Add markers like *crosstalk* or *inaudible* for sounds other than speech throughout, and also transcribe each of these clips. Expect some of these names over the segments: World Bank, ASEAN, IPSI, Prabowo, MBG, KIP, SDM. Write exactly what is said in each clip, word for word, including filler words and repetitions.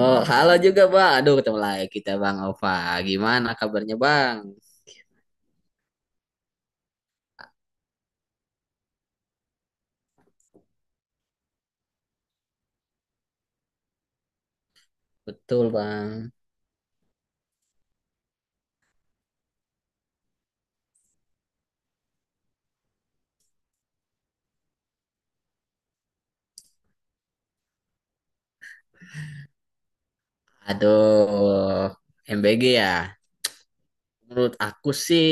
Oh, halo juga, Bang. Aduh, ketemu lagi kita, Bang Ova. Gimana kabarnya, Bang? Betul, Bang. Aduh, M B G ya. Menurut aku sih,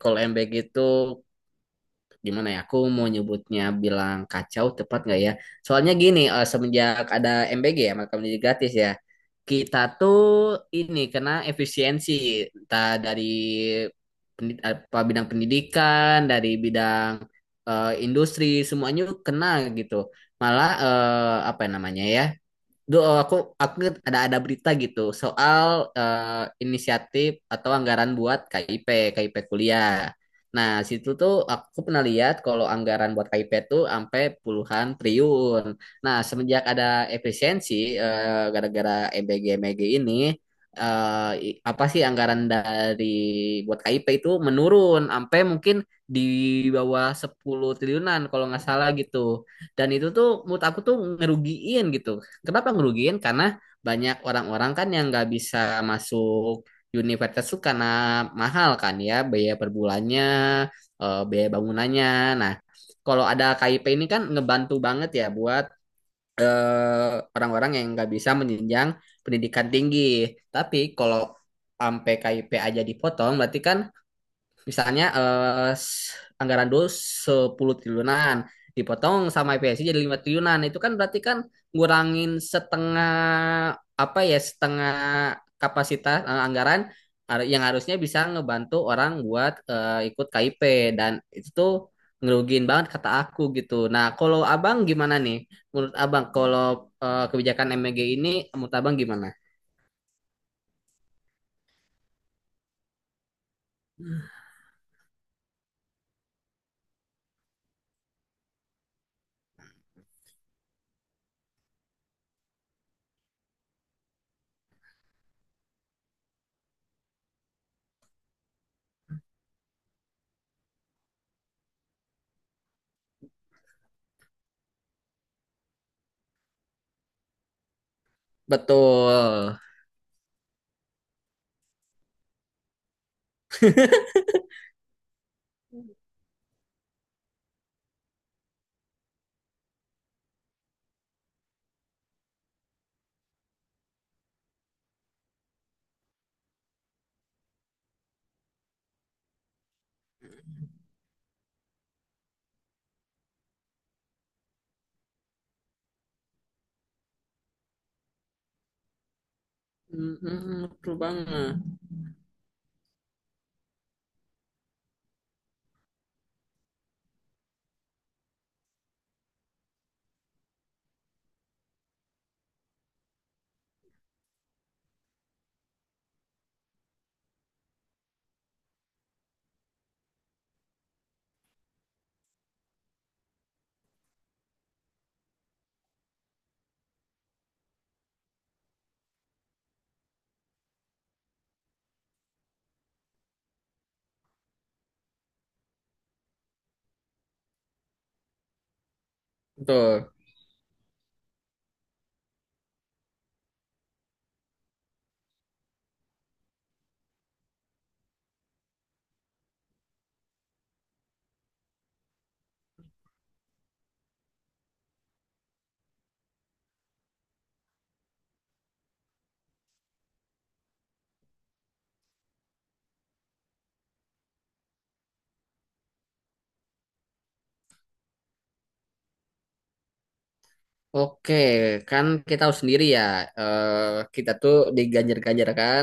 kalau M B G itu gimana ya, aku mau nyebutnya bilang kacau tepat nggak ya, soalnya gini, eh, semenjak ada M B G ya maka menjadi gratis ya, kita tuh ini kena efisiensi entah dari pendi- eh, apa, bidang pendidikan, dari bidang eh, industri, semuanya kena gitu. Malah eh, apa namanya ya. Duh, aku aku ada ada berita gitu soal eh, inisiatif atau anggaran buat K I P, K I P kuliah. Nah, situ tuh aku pernah lihat kalau anggaran buat K I P tuh sampai puluhan triliun. Nah, semenjak ada efisiensi eh, gara-gara M B G-M B G ini, eh, i- apa sih, anggaran dari, buat K I P itu menurun sampai mungkin di bawah sepuluh triliunan kalau nggak salah gitu. Dan itu tuh menurut aku tuh ngerugiin gitu. Kenapa ngerugiin? Karena banyak orang-orang kan yang nggak bisa masuk universitas tuh karena mahal kan ya biaya per bulannya, eh, biaya bangunannya. Nah, kalau ada K I P ini kan ngebantu banget ya buat eh, orang-orang yang nggak bisa menjenjang pendidikan tinggi. Tapi kalau sampai K I P aja dipotong, berarti kan, misalnya eh, s- anggaran dulu sepuluh triliunan dipotong sama I P S I jadi lima triliunan. Itu kan berarti kan ngurangin setengah, apa ya, setengah kapasitas eh, anggaran har- yang harusnya bisa ngebantu orang buat eh, ikut K I P. Dan itu tuh ngerugiin banget kata aku gitu. Nah, kalau Abang gimana nih? Menurut Abang, kalau eh, kebijakan M E G ini, menurut Abang gimana? Betul. *laughs* Mm, mm, betul banget. Betul. Oke, kan kita tahu sendiri ya, eh, kita tuh diganjar-ganjarkan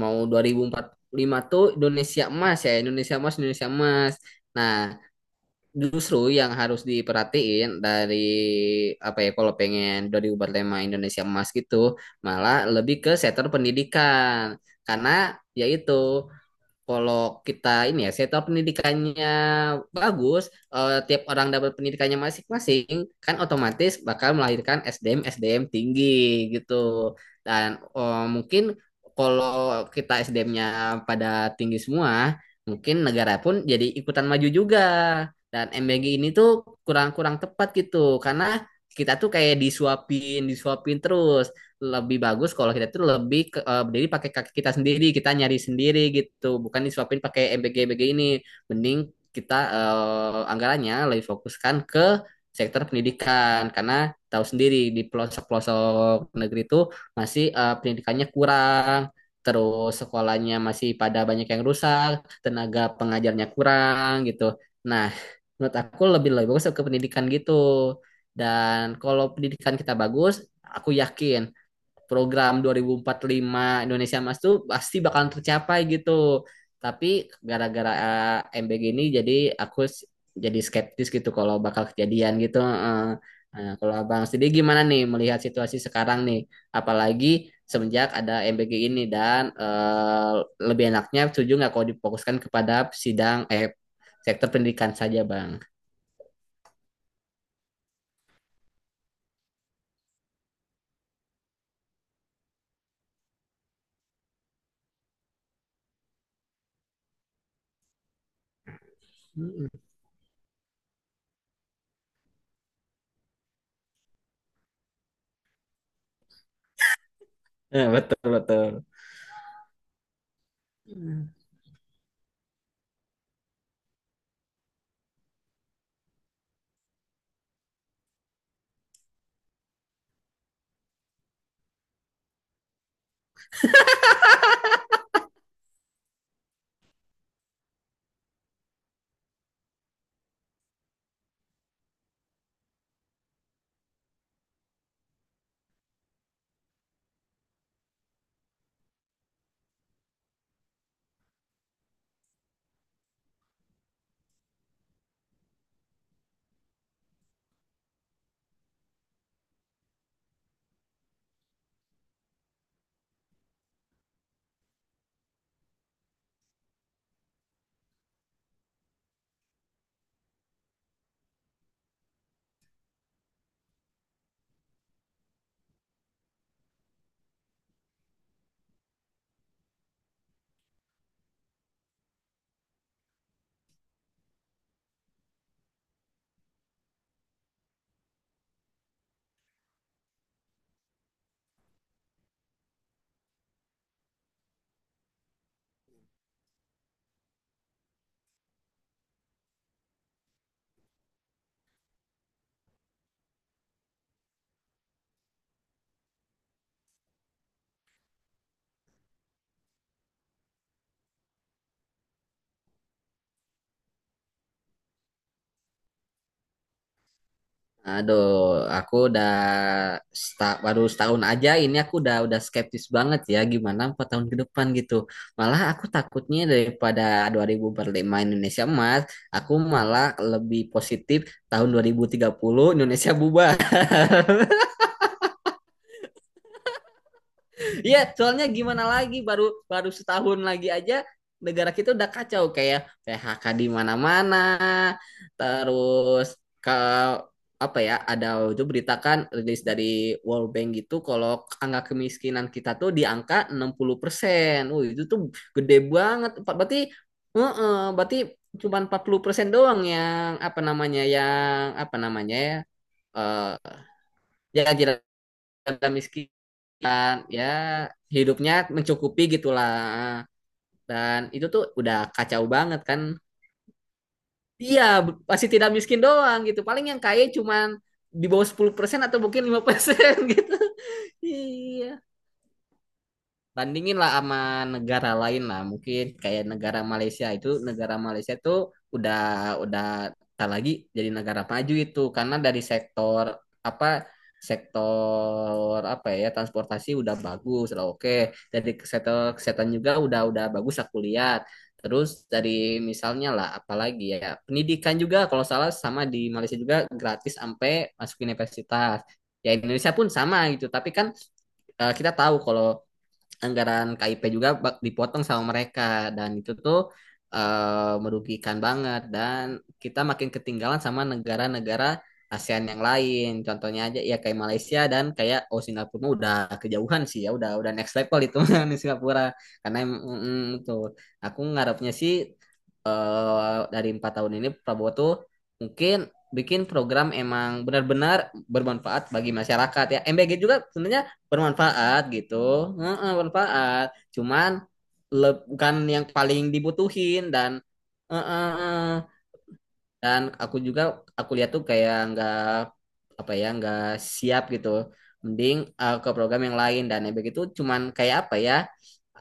mau dua ribu empat puluh lima tuh Indonesia emas ya, Indonesia emas, Indonesia emas. Nah, justru yang harus diperhatiin dari, apa ya, kalau pengen dua ribu empat puluh lima Indonesia emas gitu, malah lebih ke sektor pendidikan. Karena yaitu, kalau kita ini ya sektor pendidikannya bagus, eh, tiap orang dapat pendidikannya masing-masing, kan otomatis bakal melahirkan S D M S D M tinggi gitu. Dan eh, mungkin kalau kita S D M-nya pada tinggi semua, mungkin negara pun jadi ikutan maju juga. Dan M B G ini tuh kurang-kurang tepat gitu, karena kita tuh kayak disuapin, disuapin terus. Lebih bagus kalau kita tuh lebih ke, eh, berdiri pakai kaki kita sendiri, kita nyari sendiri gitu, bukan disuapin pakai M B G-M B G ini. Mending kita eh, anggarannya lebih fokuskan ke sektor pendidikan, karena tahu sendiri di pelosok-pelosok negeri itu masih, eh, pendidikannya kurang. Terus sekolahnya masih pada banyak yang rusak, tenaga pengajarnya kurang gitu. Nah, menurut aku lebih lebih bagus ke pendidikan gitu. Dan kalau pendidikan kita bagus, aku yakin program dua ribu empat puluh lima Indonesia Emas tuh pasti bakal tercapai gitu. Tapi gara-gara eh, M B G ini jadi aku s- jadi skeptis gitu kalau bakal kejadian gitu. eh. Nah, kalau Abang sendiri gimana nih melihat situasi sekarang nih? Apalagi semenjak ada M B G ini, dan eh, lebih enaknya, setuju nggak kalau difokuskan kepada sidang eh sektor pendidikan saja, Bang. Mm-mm. Ya, betul, betul. Aduh, aku udah sta- baru setahun aja ini, aku udah udah skeptis banget ya, gimana empat tahun ke depan gitu. Malah aku takutnya, daripada dua ribu empat puluh lima Indonesia emas, aku malah lebih positif tahun dua ribu tiga puluh Indonesia bubar. Iya, soalnya gimana lagi, baru baru setahun lagi aja negara kita udah kacau kayak P H K di mana-mana. Terus ke, apa ya, ada itu beritakan rilis dari World Bank gitu kalau angka kemiskinan kita tuh di angka enam puluh persen. Wih, itu tuh gede banget. Empat- Berarti, heeh, berarti cuma empat puluh persen doang yang apa namanya, yang apa namanya ya, eh ya kira miskin dan ya hidupnya mencukupi gitulah. Dan itu tuh udah kacau banget kan. Iya, b- masih tidak miskin doang gitu. Paling yang kaya cuman di bawah sepuluh persen atau mungkin lima persen gitu. *laughs* Iya, bandingin lah sama negara lain lah. Mungkin kayak negara Malaysia, itu negara Malaysia tuh udah udah tak lagi jadi negara maju itu karena dari sektor, apa, sektor apa ya, transportasi udah bagus lah, oke. Dari sektor kesehatan juga udah udah bagus aku lihat. Terus dari misalnya lah, apalagi ya pendidikan juga kalau salah sama, di Malaysia juga gratis sampai masuk universitas. Ya, Indonesia pun sama gitu, tapi kan eh, kita tahu kalau anggaran K I P juga bak- dipotong sama mereka. Dan itu tuh eh, merugikan banget, dan kita makin ketinggalan sama negara-negara ASEAN yang lain. Contohnya aja ya kayak Malaysia, dan kayak, oh, Singapura mah udah kejauhan sih ya, udah udah next level itu *laughs* di Singapura. Karena em- mm, tuh aku ngarepnya sih, eh, dari empat tahun ini Prabowo tuh mungkin bikin program emang benar-benar bermanfaat bagi masyarakat ya. M B G juga sebenarnya bermanfaat gitu. Heeh, bermanfaat, cuman le- bukan yang paling dibutuhin, dan heeh, heeh. Dan aku juga, aku lihat tuh kayak nggak, apa ya, nggak siap gitu. Mending eh, ke program yang lain, dan yang begitu. Cuman kayak, apa ya,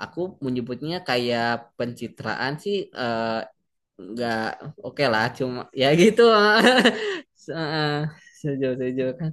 aku menyebutnya kayak pencitraan sih. Eh, nggak oke lah, cuma ya gitu. *laughs* Se- eh, sejauh sejauh kan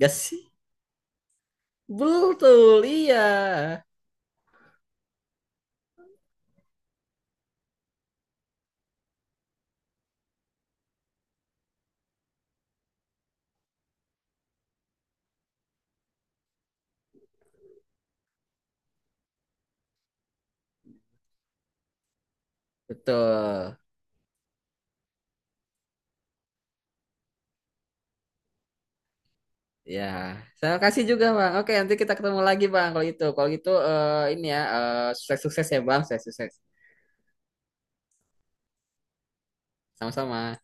gak sih, betul iya. Betul. Ya, saya kasih juga, Bang. Oke, nanti kita ketemu lagi, Bang, kalau gitu. Kalau gitu eh, ini ya, eh, sukses-sukses ya, Bang. Sukses-sukses. Sama-sama.